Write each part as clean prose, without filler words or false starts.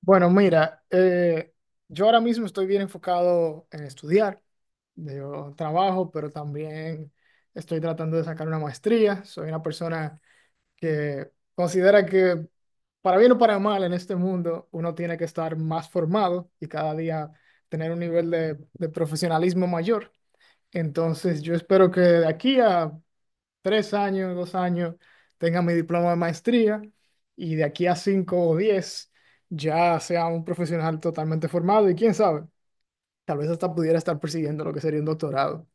Bueno, mira, yo ahora mismo estoy bien enfocado en estudiar. Yo trabajo, pero también estoy tratando de sacar una maestría. Soy una persona que considera que para bien o para mal en este mundo uno tiene que estar más formado y cada día tener un nivel de profesionalismo mayor. Entonces, yo espero que de aquí a 3 años, 2 años, tenga mi diploma de maestría y de aquí a 5 o 10 ya sea un profesional totalmente formado y quién sabe, tal vez hasta pudiera estar persiguiendo lo que sería un doctorado.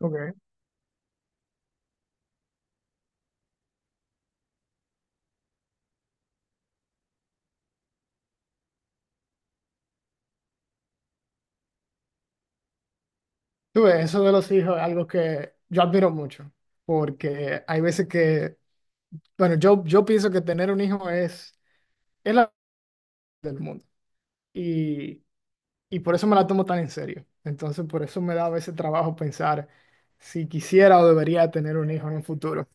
Ok. Tú ves, eso de los hijos es algo que yo admiro mucho, porque hay veces que, bueno, yo pienso que tener un hijo es la del mundo y, y por eso me la tomo tan en serio. Entonces, por eso me da a veces trabajo pensar si quisiera o debería tener un hijo en un futuro.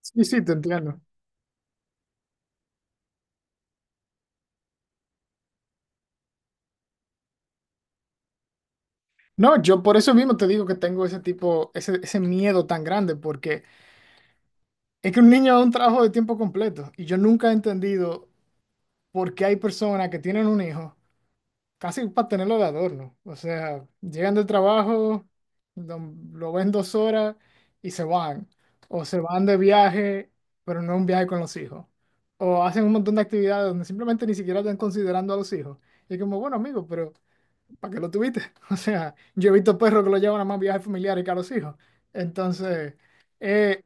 Sí, sí, te entiendo. No, yo por eso mismo te digo que tengo ese tipo, ese miedo tan grande, porque es que un niño es un trabajo de tiempo completo y yo nunca he entendido por qué hay personas que tienen un hijo casi para tenerlo de adorno. O sea, llegan del trabajo, lo, lo ven 2 horas y se van. O se van de viaje, pero no un viaje con los hijos. O hacen un montón de actividades donde simplemente ni siquiera están considerando a los hijos. Y es como, bueno, amigo, pero ¿para qué lo tuviste? O sea, yo he visto perros que lo llevan a más viajes familiares que a los hijos. Entonces, eh,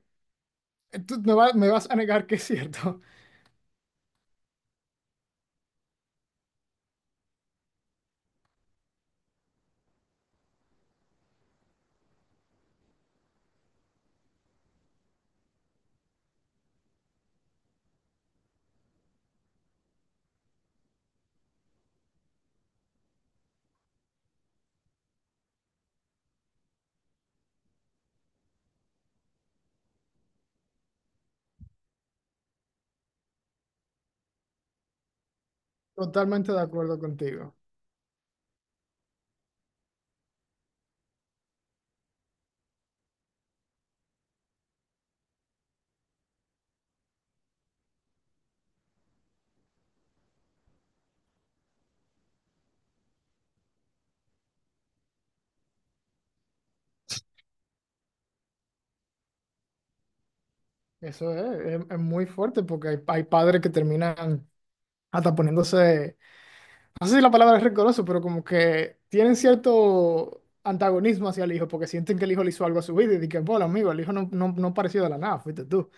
tú me vas a negar que es cierto. Totalmente de acuerdo contigo. Eso es muy fuerte porque hay padres que terminan hasta poniéndose, no sé si la palabra es rencoroso, pero como que tienen cierto antagonismo hacia el hijo porque sienten que el hijo le hizo algo a su vida y dicen, bueno, amigo, el hijo no, no, no pareció de la nada, fuiste tú.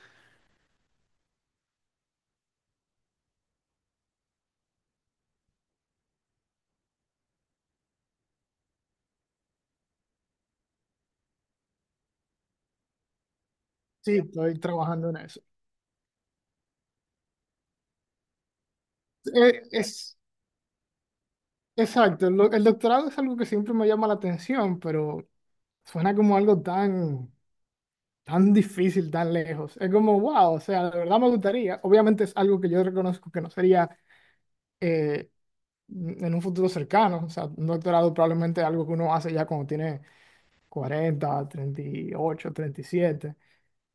Sí, estoy trabajando en eso. Eh, Es, Exacto, el doctorado es algo que siempre me llama la atención, pero suena como algo tan, tan difícil, tan lejos. Es como, wow, o sea, de verdad me gustaría. Obviamente es algo que yo reconozco que no sería eh, en un futuro cercano. O sea, un doctorado probablemente es algo que uno hace ya cuando tiene 40, 38, 37.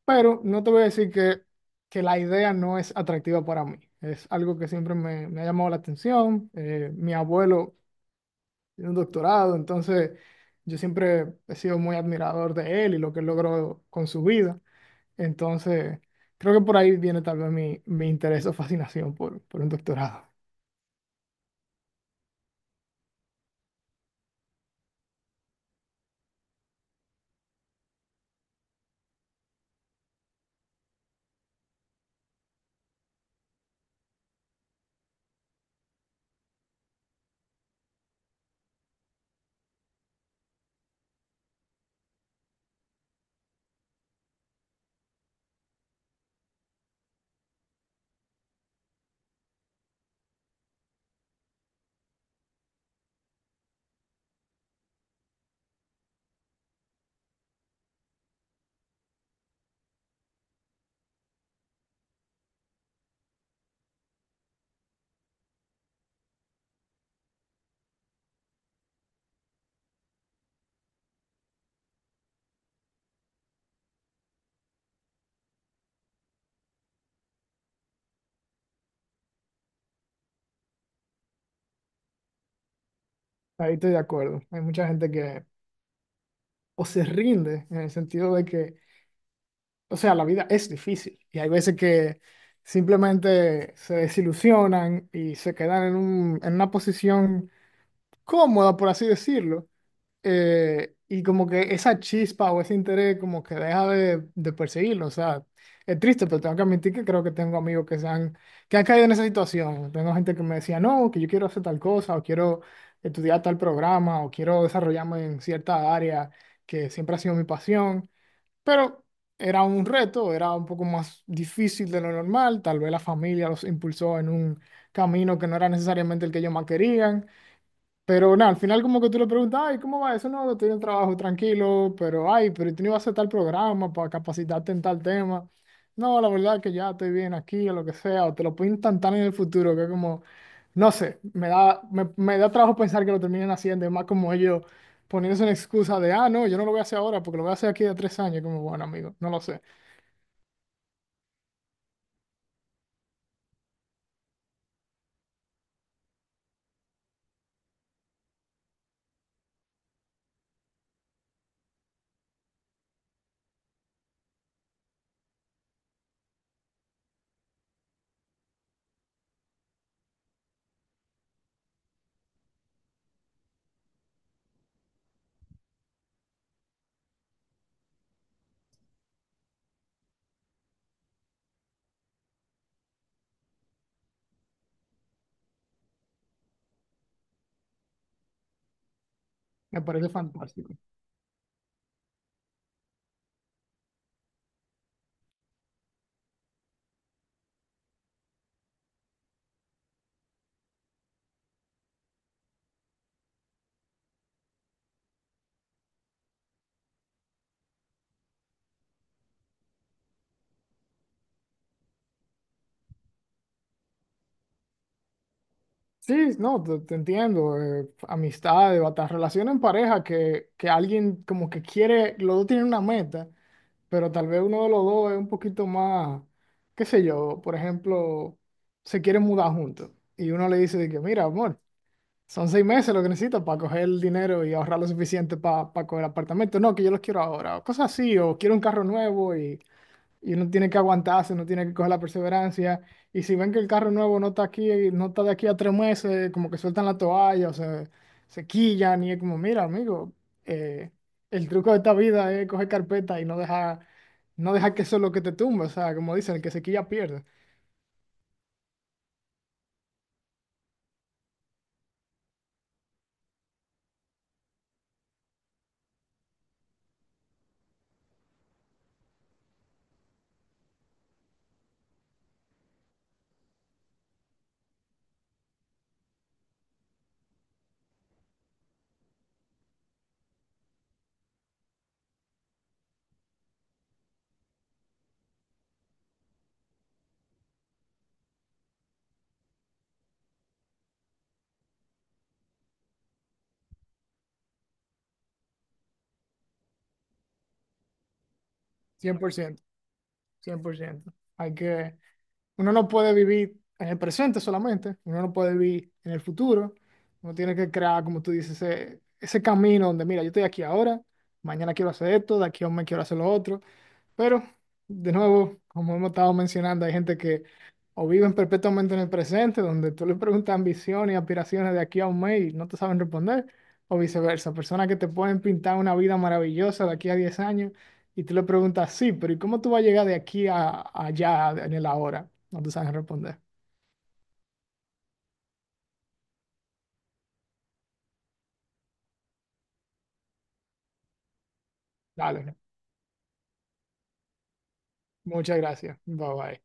Pero no te voy a decir que la idea no es atractiva para mí. Es algo que siempre me ha llamado la atención. Mi abuelo tiene un doctorado, entonces yo siempre he sido muy admirador de él y lo que él logró con su vida. Entonces, creo que por ahí viene tal vez mi interés o fascinación por un doctorado. Ahí estoy de acuerdo. Hay mucha gente que o se rinde en el sentido de que, o sea, la vida es difícil y hay veces que simplemente se desilusionan y se quedan en un, en una posición cómoda, por así decirlo y como que esa chispa o ese interés como que deja de perseguirlo. O sea, es triste, pero tengo que admitir que creo que tengo amigos que han caído en esa situación. Tengo gente que me decía, no, que yo quiero hacer tal cosa, o quiero estudiar tal programa, o quiero desarrollarme en cierta área que siempre ha sido mi pasión. Pero era un reto, era un poco más difícil de lo normal. Tal vez la familia los impulsó en un camino que no era necesariamente el que ellos más querían. Pero nada, al final como que tú le preguntas, ay, ¿cómo va eso? No, estoy en el trabajo tranquilo, pero ay, pero tú no ibas a hacer tal programa para capacitarte en tal tema. No, la verdad que ya estoy bien aquí o lo que sea, o te lo pintan tan en el futuro que es como, no sé, me da trabajo pensar que lo terminen haciendo, es más como ellos poniéndose una excusa de, ah, no, yo no lo voy a hacer ahora porque lo voy a hacer aquí de tres años, como, bueno, amigo, no lo sé, me parece fantástico. Sí, no, te entiendo. Amistades, hasta relaciones en pareja que alguien como que quiere, los dos tienen una meta, pero tal vez uno de los dos es un poquito más, qué sé yo, por ejemplo, se quieren mudar juntos y uno le dice de que, mira, amor, son 6 meses lo que necesito para coger el dinero y ahorrar lo suficiente para coger apartamento. No, que yo los quiero ahora, o cosas así, o quiero un carro nuevo y uno tiene que aguantarse, uno tiene que coger la perseverancia. Y si ven que el carro nuevo no está aquí, no está de aquí a 3 meses, como que sueltan la toalla, se quillan y es como, mira, amigo, eh, el truco de esta vida es coger carpeta y no dejar, no dejar que eso es lo que te tumba. O sea, como dicen, el que se quilla pierde. 100%. 100%. Hay que, Uno no puede vivir en el presente solamente, uno no puede vivir en el futuro, uno tiene que crear, como tú dices, ese camino donde, mira, yo estoy aquí ahora, mañana quiero hacer esto, de aquí a un mes quiero hacer lo otro, pero de nuevo, como hemos estado mencionando, hay gente que o viven perpetuamente en el presente, donde tú le preguntas ambiciones y aspiraciones de aquí a un mes y no te saben responder, o viceversa, personas que te pueden pintar una vida maravillosa de aquí a 10 años y tú le preguntas, sí, pero ¿y cómo tú vas a llegar de aquí a allá en el ahora? No te saben responder. Dale, muchas gracias. Bye bye.